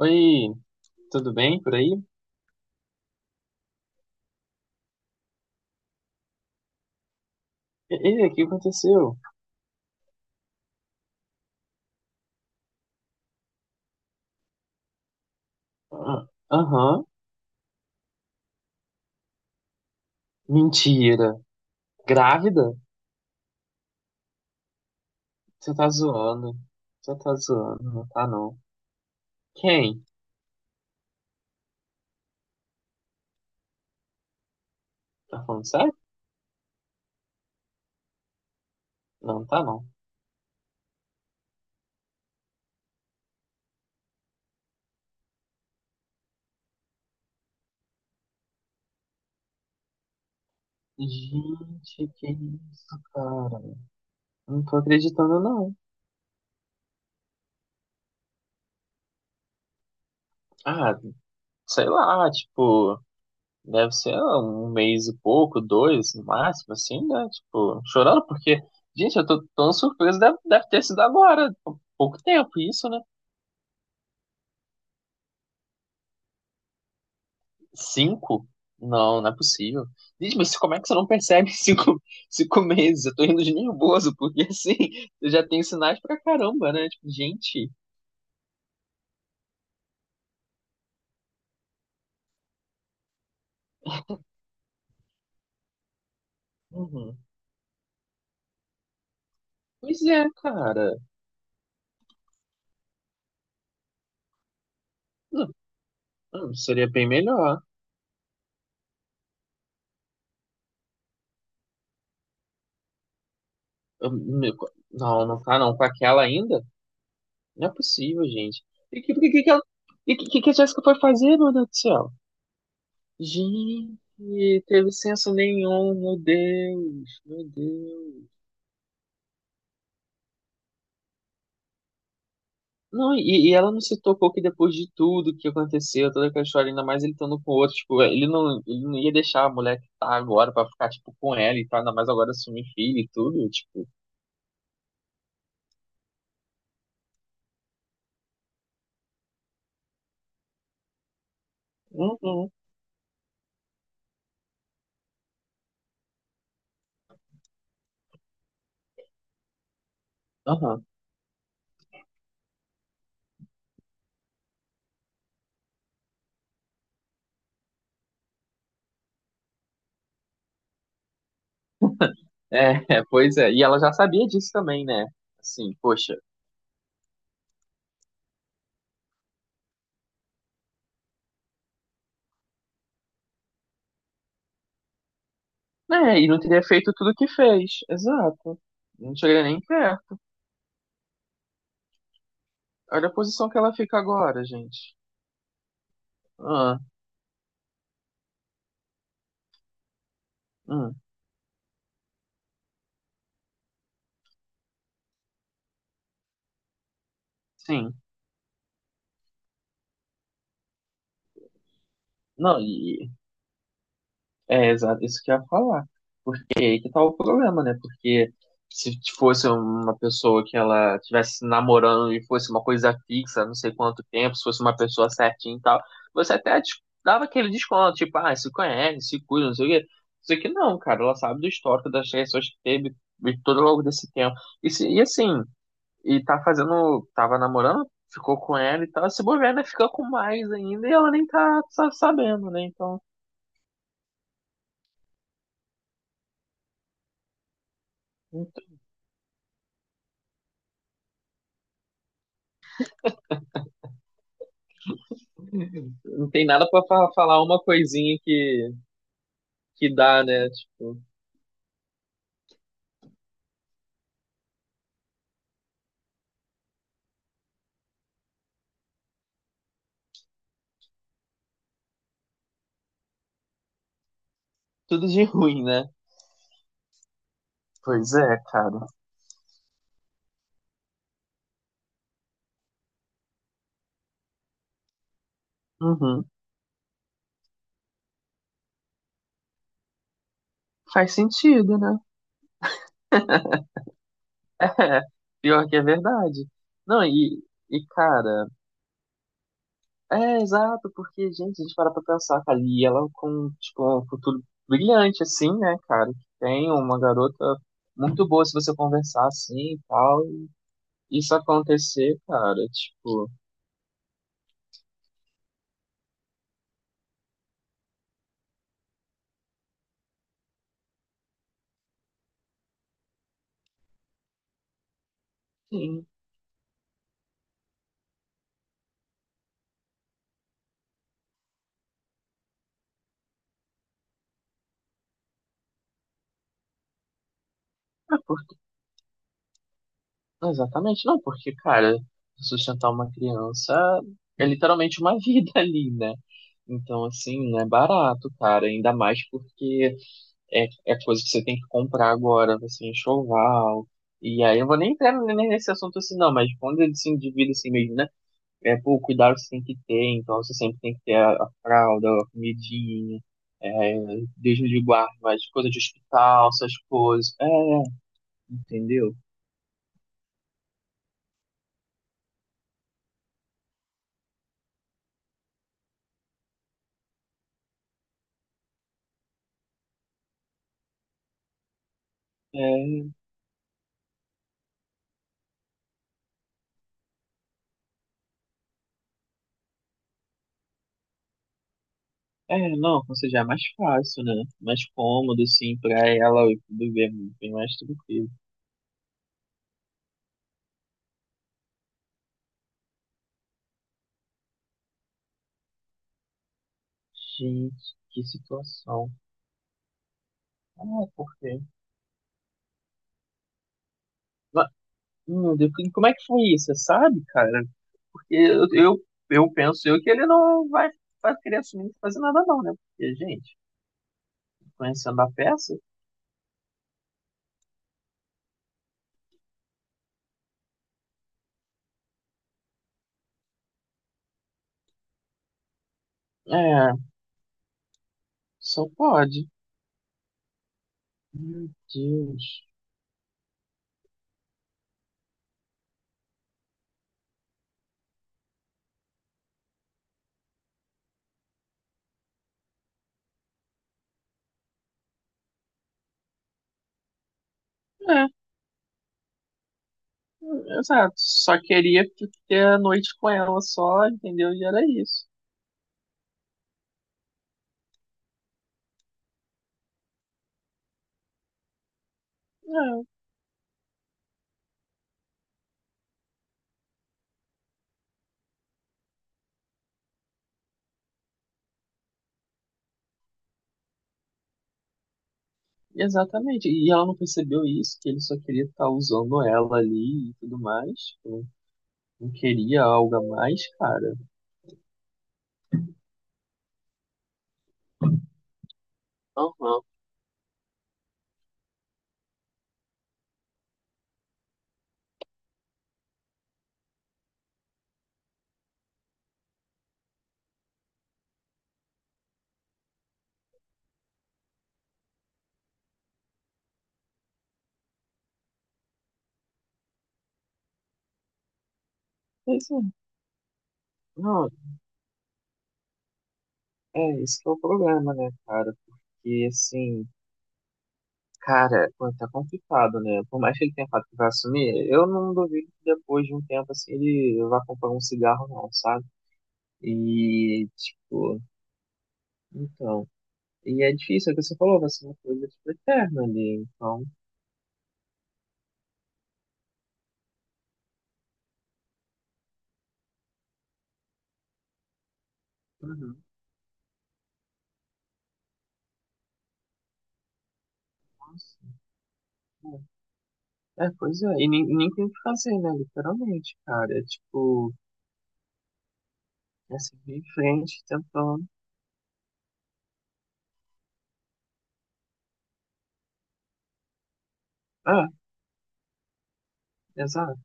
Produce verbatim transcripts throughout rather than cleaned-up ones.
Oi, tudo bem por aí? Ei, o que aconteceu? Ah, aham, mentira. Grávida? Você tá zoando. Você tá zoando, não tá não. Quem? Tá falando sério? Não, tá não. Gente, que isso, cara? Não tô acreditando não. Ah, sei lá, tipo, deve ser um mês e pouco, dois, no máximo, assim, né? Tipo, chorando porque, gente, eu tô tão surpreso, deve, deve ter sido agora, há pouco tempo isso, né? Cinco? Não, não é possível. Diz, mas como é que você não percebe cinco, cinco meses? Eu tô rindo de nervoso, porque assim, eu já tenho sinais pra caramba, né? Tipo, gente. Uhum. Pois é, cara. Não, não, seria bem melhor. Eu me- não, não tá não. Com aquela ainda? Não é possível, gente. E que, que, que, que, ela- e que, que que a Jéssica foi fazer, meu Deus do céu? Gente, teve senso nenhum, meu Deus, meu Deus. Não, e, e ela não se tocou que depois de tudo que aconteceu, toda aquela história, ainda mais ele estando com outro, tipo, ele não, ele não ia deixar a mulher que tá agora pra ficar, tipo, com ela e tal, ainda mais agora assumir filho e tudo, tipo, uhum, aham. É, é, pois é, e ela já sabia disso também, né? Assim, poxa, né, e não teria feito tudo que fez, exato. Não chegaria nem perto. Olha a posição que ela fica agora, gente. Ah, hum, sim. Não, e, é, exato, isso que eu ia falar. E aí que tá o problema, né? Porque se fosse uma pessoa que ela estivesse namorando e fosse uma coisa fixa, não sei quanto tempo, se fosse uma pessoa certinha e tal, você até des- dava aquele desconto, tipo, ah, se conhece, se cuida, não sei o quê. Isso aqui não, cara, ela sabe do histórico das pessoas que teve e todo longo desse tempo. E, se- e assim, e tá fazendo, tava namorando, ficou com ela e tal, se bobear, né, fica com mais ainda e ela nem tá sa- sabendo, né? Então, não tem nada pra fa- falar uma coisinha que que dá, né? Tipo, tudo de ruim, né? Pois é, cara. Uhum. Faz sentido, né? É, pior que é verdade. Não, e, e cara, é exato, porque, gente, a gente para pra pensar, cara, e ela com, tipo, um futuro brilhante, assim, né, cara? Que tem uma garota muito boa se você conversar assim e tal. E isso acontecer, cara, tipo, sim. É, exatamente, não, porque, cara, sustentar uma criança é literalmente uma vida ali, né? Então, assim, não é barato, cara, ainda mais porque é, é coisa que você tem que comprar agora, assim, enxoval. E aí eu vou nem entrar nem nesse assunto assim, não, mas quando ele se endivida assim mesmo, né? É, pô, o cuidado que você tem que ter, então você sempre tem que ter a, a fralda, a comidinha, é, desde de guarda, mas coisa de hospital, essas coisas, é, entendeu? É. É, não, ou seja, é mais fácil, né? Mais cômodo, assim, pra ela e tudo bem, bem mais tranquilo. Gente, que situação. Ah, por quê? Ma- Meu Deus, e como é que foi isso? Você sabe, cara? Porque eu, eu, eu penso eu que ele não vai, vai querer assumir fazer nada não, né? Porque, gente, conhecendo a peça, é, só pode. Meu Deus. É, exato. Só queria ter a noite com ela só, entendeu? E era isso. É. Exatamente. E ela não percebeu isso, que ele só queria estar usando ela ali e tudo mais, tipo, não, queria algo a mais, cara. Aham. Pois é. Não, é, esse que é o problema, né, cara? Porque, assim, cara, pô, tá complicado, né? Por mais que ele tenha falado que vai assumir, eu não duvido que depois de um tempo, assim, ele vá comprar um cigarro, não, sabe? E, tipo, então. E é difícil, é o que você falou, vai ser uma coisa, tipo, eterna ali. Então, uhum. Nossa. É, pois é, e nem, nem tem o que fazer, né? Literalmente, cara. É tipo, é seguir em frente tentando. Ah, exato.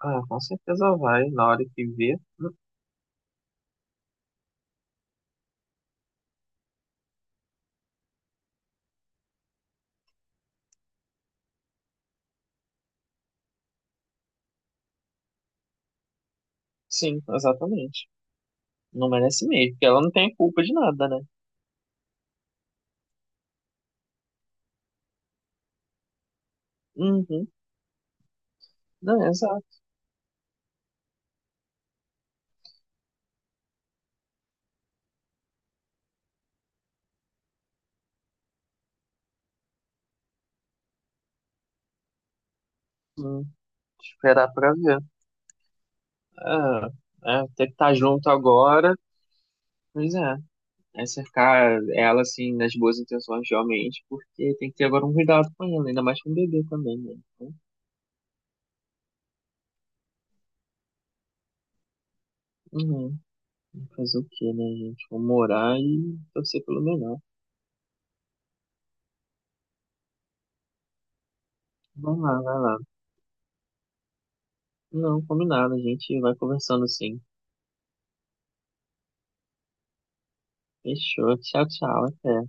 Ah, com certeza vai, na hora que vê. Hum, Sim, exatamente. Não merece mesmo, porque ela não tem culpa de nada, né? Uhum, não, exato. Hum, esperar pra ver. Ah, é, ter que estar junto agora. Pois é, é cercar ela, assim, nas boas intenções, realmente, porque tem que ter agora um cuidado com ela, ainda mais com o bebê também, né? Então, uhum. Fazer o quê, né, gente? Vamos morar e torcer pelo melhor. Vamos lá, vai lá. Não, combinado, a gente vai conversando sim. Fechou, tchau, tchau, até.